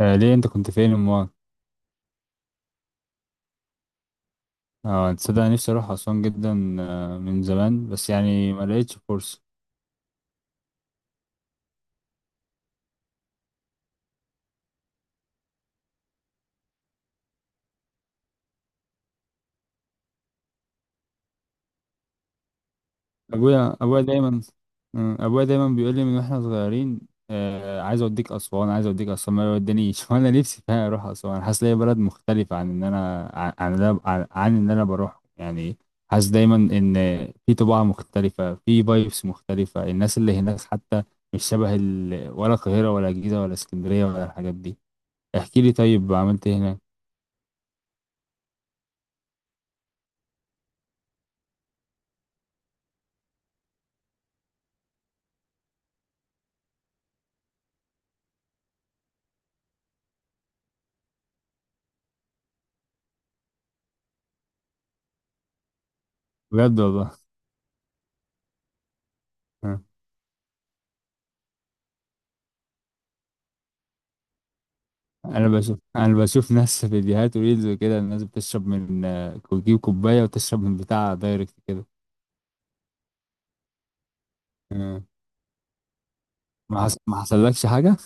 آه، ليه انت كنت فين امال؟ اه، تصدق أنا نفسي اروح اسوان جدا من زمان، بس يعني ما لقيتش فرصه. ابويا دايما. ابويا دايما بيقول لي من واحنا صغيرين. عايز اوديك اسوان، عايز اوديك اسوان، ما يودينيش وانا نفسي فيها اروح اسوان، حاسس ليا بلد مختلفه عن ان انا عن عن اللي أنا- عن ان انا بروح يعني. حاسس دايما ان في طباع مختلفه، في فايبس مختلفه، الناس اللي هناك حتى مش شبه ولا القاهره ولا الجيزه ولا اسكندريه ولا الحاجات دي. احكي لي طيب، عملت ايه هناك؟ بجد والله. آه. انا بشوف ناس في فيديوهات وريلز وكده، الناس بتشرب من آه، بتجيب كوبايه وتشرب من بتاع دايركت كده. آه. ما حصلكش حاجه؟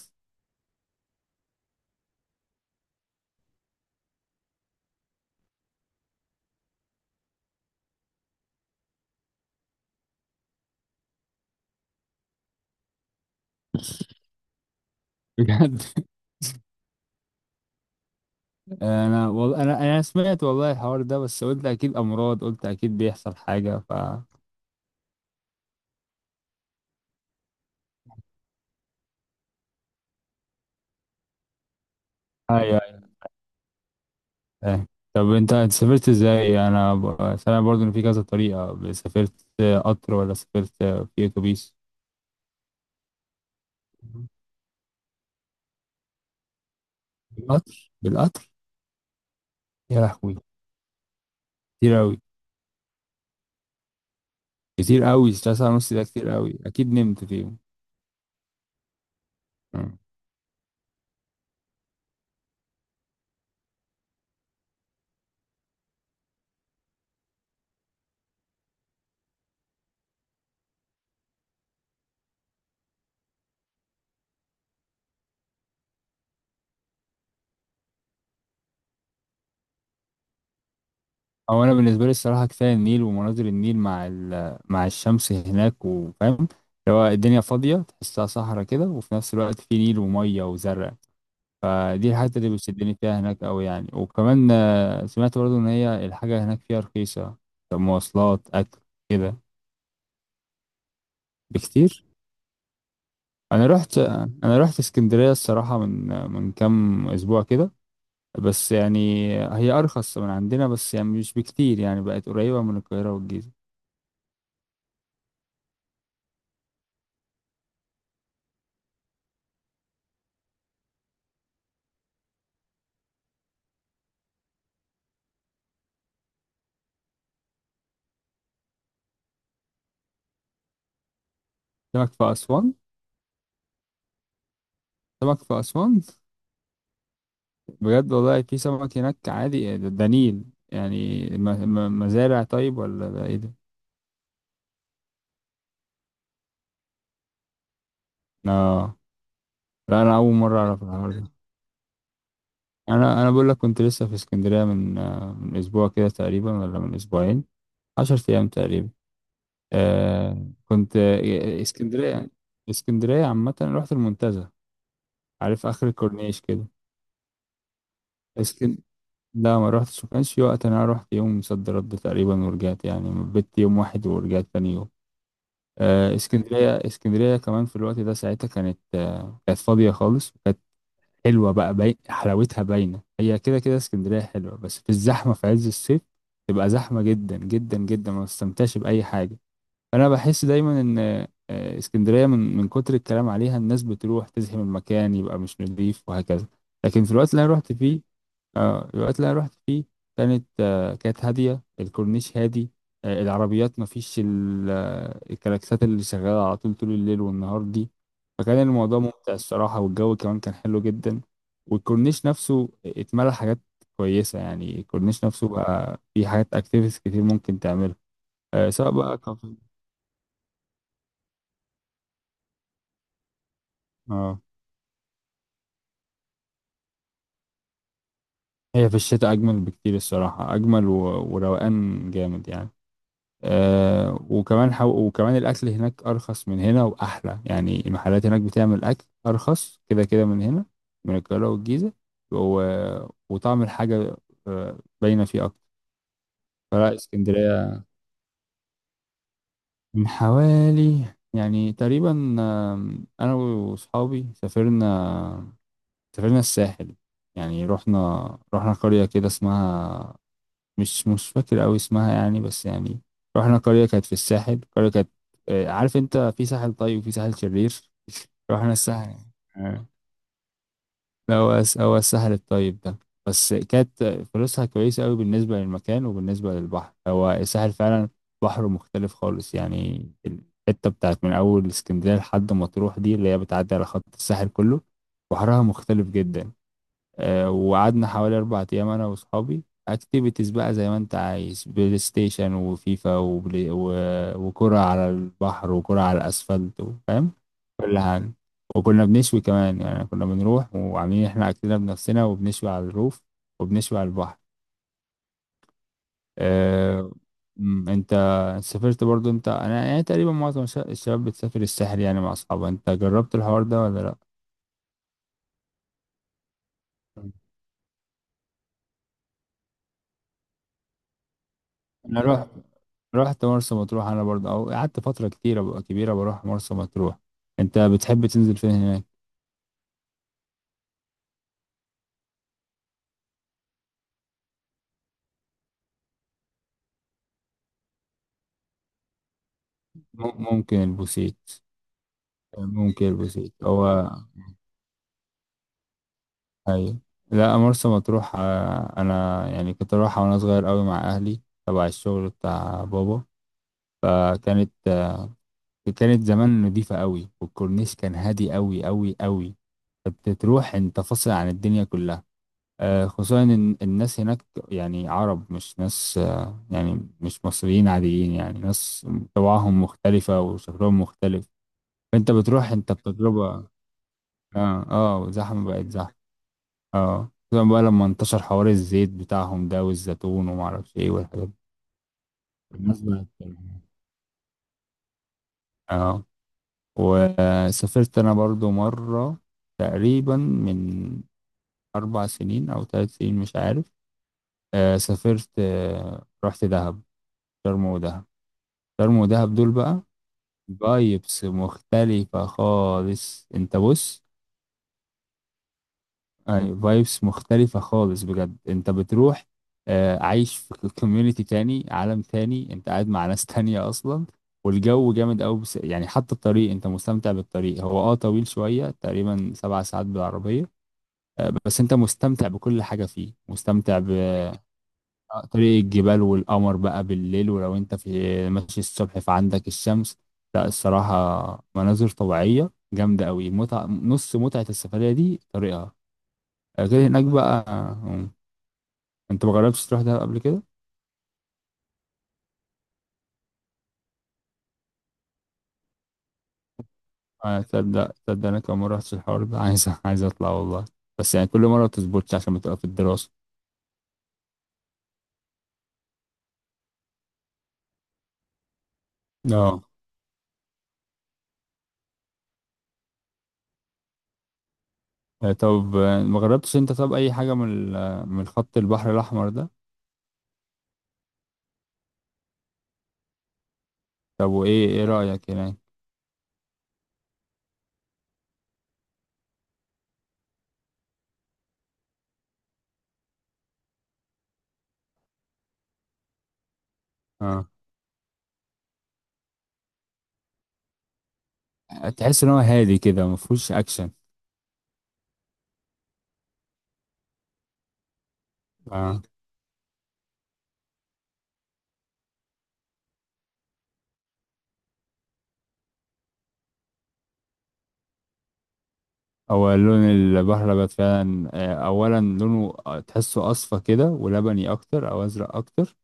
بجد انا والله، انا سمعت والله الحوار ده، بس قلت اكيد امراض، قلت اكيد بيحصل حاجه ف. ايوه، ايوه. طب انت سافرت ازاي؟ انا سامع برضو ان في كذا طريقه سافرت. قطر، ولا سافرت في اتوبيس؟ بالقطر، بالقطر. يا لهوي. كتير أوي. كتير قوي، 3 ساعة ونص ده كتير قوي، اكيد نمت فيهم. مم. او انا بالنسبة لي الصراحة كفاية النيل ومناظر النيل مع مع الشمس هناك، وفاهم اللي هو الدنيا فاضية تحسها صحراء كده، وفي نفس الوقت في نيل ومية وزرع. فدي الحتة اللي بتشدني فيها هناك قوي يعني، وكمان سمعت برضو ان هي الحاجة هناك فيها رخيصة. مواصلات، اكل. كده. بكتير. انا رحت انا رحت اسكندرية الصراحة من كام اسبوع كده. بس يعني هي أرخص من عندنا، بس يعني مش بكتير، يعني بقت قريبة من القاهرة والجيزة. سمك في أسوان؟ سمك في أسوان؟ بجد والله، في سمك هناك عادي، إيه ده نيل يعني، مزارع طيب ولا ده إيه ده؟ آه، لا أنا أول مرة أعرف الحوار ده. أنا بقول لك كنت لسه في اسكندرية من أسبوع كده تقريبا، ولا من أسبوعين. 10 أيام تقريبا. كنت اسكندرية. اسكندرية عامة، رحت المنتزه. عارف آخر الكورنيش كده. لا ما رحتش، ما كانش في وقت، انا رحت يوم صد رد تقريبا ورجعت، يعني بت يوم واحد ورجعت تاني يوم. اسكندريه، اسكندريه كمان في الوقت ده ساعتها كانت فاضيه خالص، وكانت حلوه بقى، باين حلاوتها باينه. هي كده كده اسكندريه حلوه، بس في الزحمه في عز الصيف تبقى زحمه جدا جدا جدا، ما تستمتعش باي حاجه. انا بحس دايما ان اسكندريه من كتر الكلام عليها، الناس بتروح تزحم المكان، يبقى مش نظيف، وهكذا. لكن في الوقت اللي انا رحت فيه، آه، الوقت اللي انا رحت فيه كانت هاديه، الكورنيش هادي، العربيات ما فيش الكلاكسات اللي شغاله على طول طول الليل والنهار دي. فكان الموضوع ممتع الصراحه، والجو كمان كان حلو جدا. والكورنيش نفسه اتملى حاجات كويسه، يعني الكورنيش نفسه بقى فيه حاجات، اكتيفيتيز كتير ممكن تعملها. سواء بقى كافيه. اه، هي في الشتاء أجمل بكتير الصراحة، أجمل و... وروقان جامد يعني. وكمان وكمان الأكل هناك أرخص من هنا وأحلى، يعني المحلات هناك بتعمل أكل أرخص كده كده من هنا، من القاهرة والجيزة. و... وطعم الحاجة باينة فيه أكتر. فلا اسكندرية من حوالي، يعني تقريبا، أنا وأصحابي سافرنا، سافرنا الساحل. يعني رحنا قرية كده اسمها، مش فاكر أوي اسمها يعني، بس يعني رحنا قرية كانت في الساحل، قرية كانت آه، عارف أنت، في ساحل طيب وفي ساحل شرير. رحنا الساحل يعني. آه. لا هو هو الساحل الطيب ده. بس كانت فلوسها كويسة أوي بالنسبة للمكان وبالنسبة للبحر، هو الساحل فعلا بحره مختلف خالص. يعني الحتة بتاعت من أول اسكندرية لحد مطروح دي، اللي هي بتعدي على خط الساحل كله، بحرها مختلف جدا. وقعدنا حوالي 4 أيام أنا وأصحابي، أكتيفيتيز بقى زي ما أنت عايز، بلاي ستيشن وفيفا وبلاي وكرة على البحر وكرة على الأسفلت فاهم، كل حاجة. وكنا بنشوي كمان، يعني كنا بنروح وعاملين إحنا أكلنا بنفسنا وبنشوي على الروف وبنشوي على البحر. أه... أمم، أنت سافرت برضو أنت، أنا يعني تقريبا معظم الشباب بتسافر الساحل يعني مع أصحابها، أنت جربت الحوار ده ولا لأ؟ أنا رحت مرسى مطروح، انا برضه او قعدت فتره كتيره بقى كبيره بروح مرسى مطروح. انت بتحب تنزل فين هناك؟ ممكن البوسيت. ممكن البوسيت هو. ايوه. لا مرسى مطروح، انا يعني كنت اروحها وانا صغير قوي مع اهلي، تبع الشغل بتاع بابا. فكانت آه، كانت زمان نضيفه قوي، والكورنيش كان هادي قوي قوي قوي، فبتروح انت فاصل عن الدنيا كلها. خصوصا ان الناس هناك يعني عرب، مش ناس، يعني مش مصريين عاديين، يعني ناس طباعهم مختلفة وشكلهم مختلف، فانت بتروح انت بتجربة. اه، اه، زحمة، بقت زحمة. اه، خصوصا بقى لما انتشر حوار الزيت بتاعهم ده والزيتون ومعرفش ايه والحاجات دي. الناس بقت. اه. وسافرت انا برضو مرة تقريبا من 4 سنين او 3 سنين مش عارف. سافرت، رحت دهب، شرم ودهب، شرم ودهب دول بقى فايبس مختلفة خالص. انت بص، فايبس مختلفة خالص بجد، انت بتروح، عايش في كوميونيتي تاني، عالم تاني، انت قاعد مع ناس تانية اصلا. والجو جامد قوي، بس يعني حتى الطريق انت مستمتع بالطريق، هو طويل شوية تقريبا 7 ساعات بالعربية. بس انت مستمتع بكل حاجة فيه، مستمتع ب طريق الجبال والقمر بقى بالليل، ولو انت في ماشي الصبح فعندك الشمس. لا الصراحة، مناظر طبيعية جامدة قوي، متعة، نص متعة السفرية دي طريقها. غير هناك بقى، انت ما جربتش تروح دهب قبل كده؟ تصدق، تصدق انا كمان ما رحتش الحوار ده عايز اطلع والله، بس يعني كل مرة ما بتظبطش عشان بتبقى في الدراسة. اه. طب ما جربتش انت، طب اي حاجة من ال- آه، من خط البحر الاحمر ده؟ طب ايه رأيك هناك؟ اه، تحس ان هو هادي كده ما فيهوش اكشن. آه. هو لون البحلبات فعلا، أولا لونه تحسه أصفى كده ولبني أكتر أو أزرق أكتر.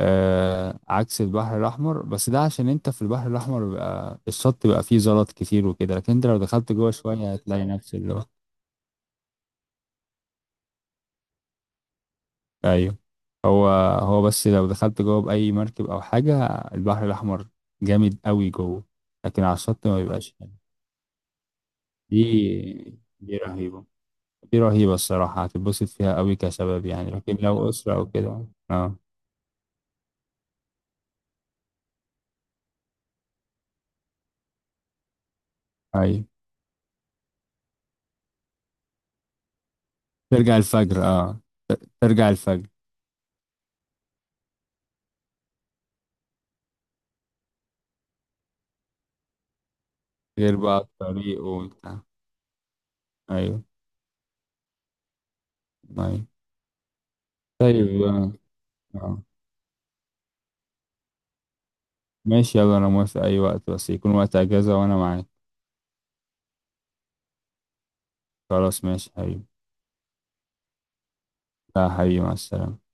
عكس البحر الأحمر، بس ده عشان أنت في البحر الأحمر بيبقى الشط بيبقى فيه زلط كتير وكده، لكن أنت لو دخلت جوه شوية هتلاقي نفس اللي هو. أيوه. هو هو بس لو دخلت جوه بأي مركب أو حاجة، البحر الأحمر جامد قوي جوه، لكن على الشط ما بيبقاش حلو. دي رهيبة. دي رهيبة الصراحة، هتتبسط فيها قوي كشباب يعني، لكن لو أسرة أو كده. اه. أيوة، ترجع الفجر، اه. ترجع الفجر. غير بقى الطريق وبتاع. أيوة، أيوة. طيب، اه. آه. ماشي يلا، أنا موافق أي وقت، بس يكون وقت أجازة وأنا معاك. خلاص ماشي حبيبي. لا حبيبي، مع السلامة.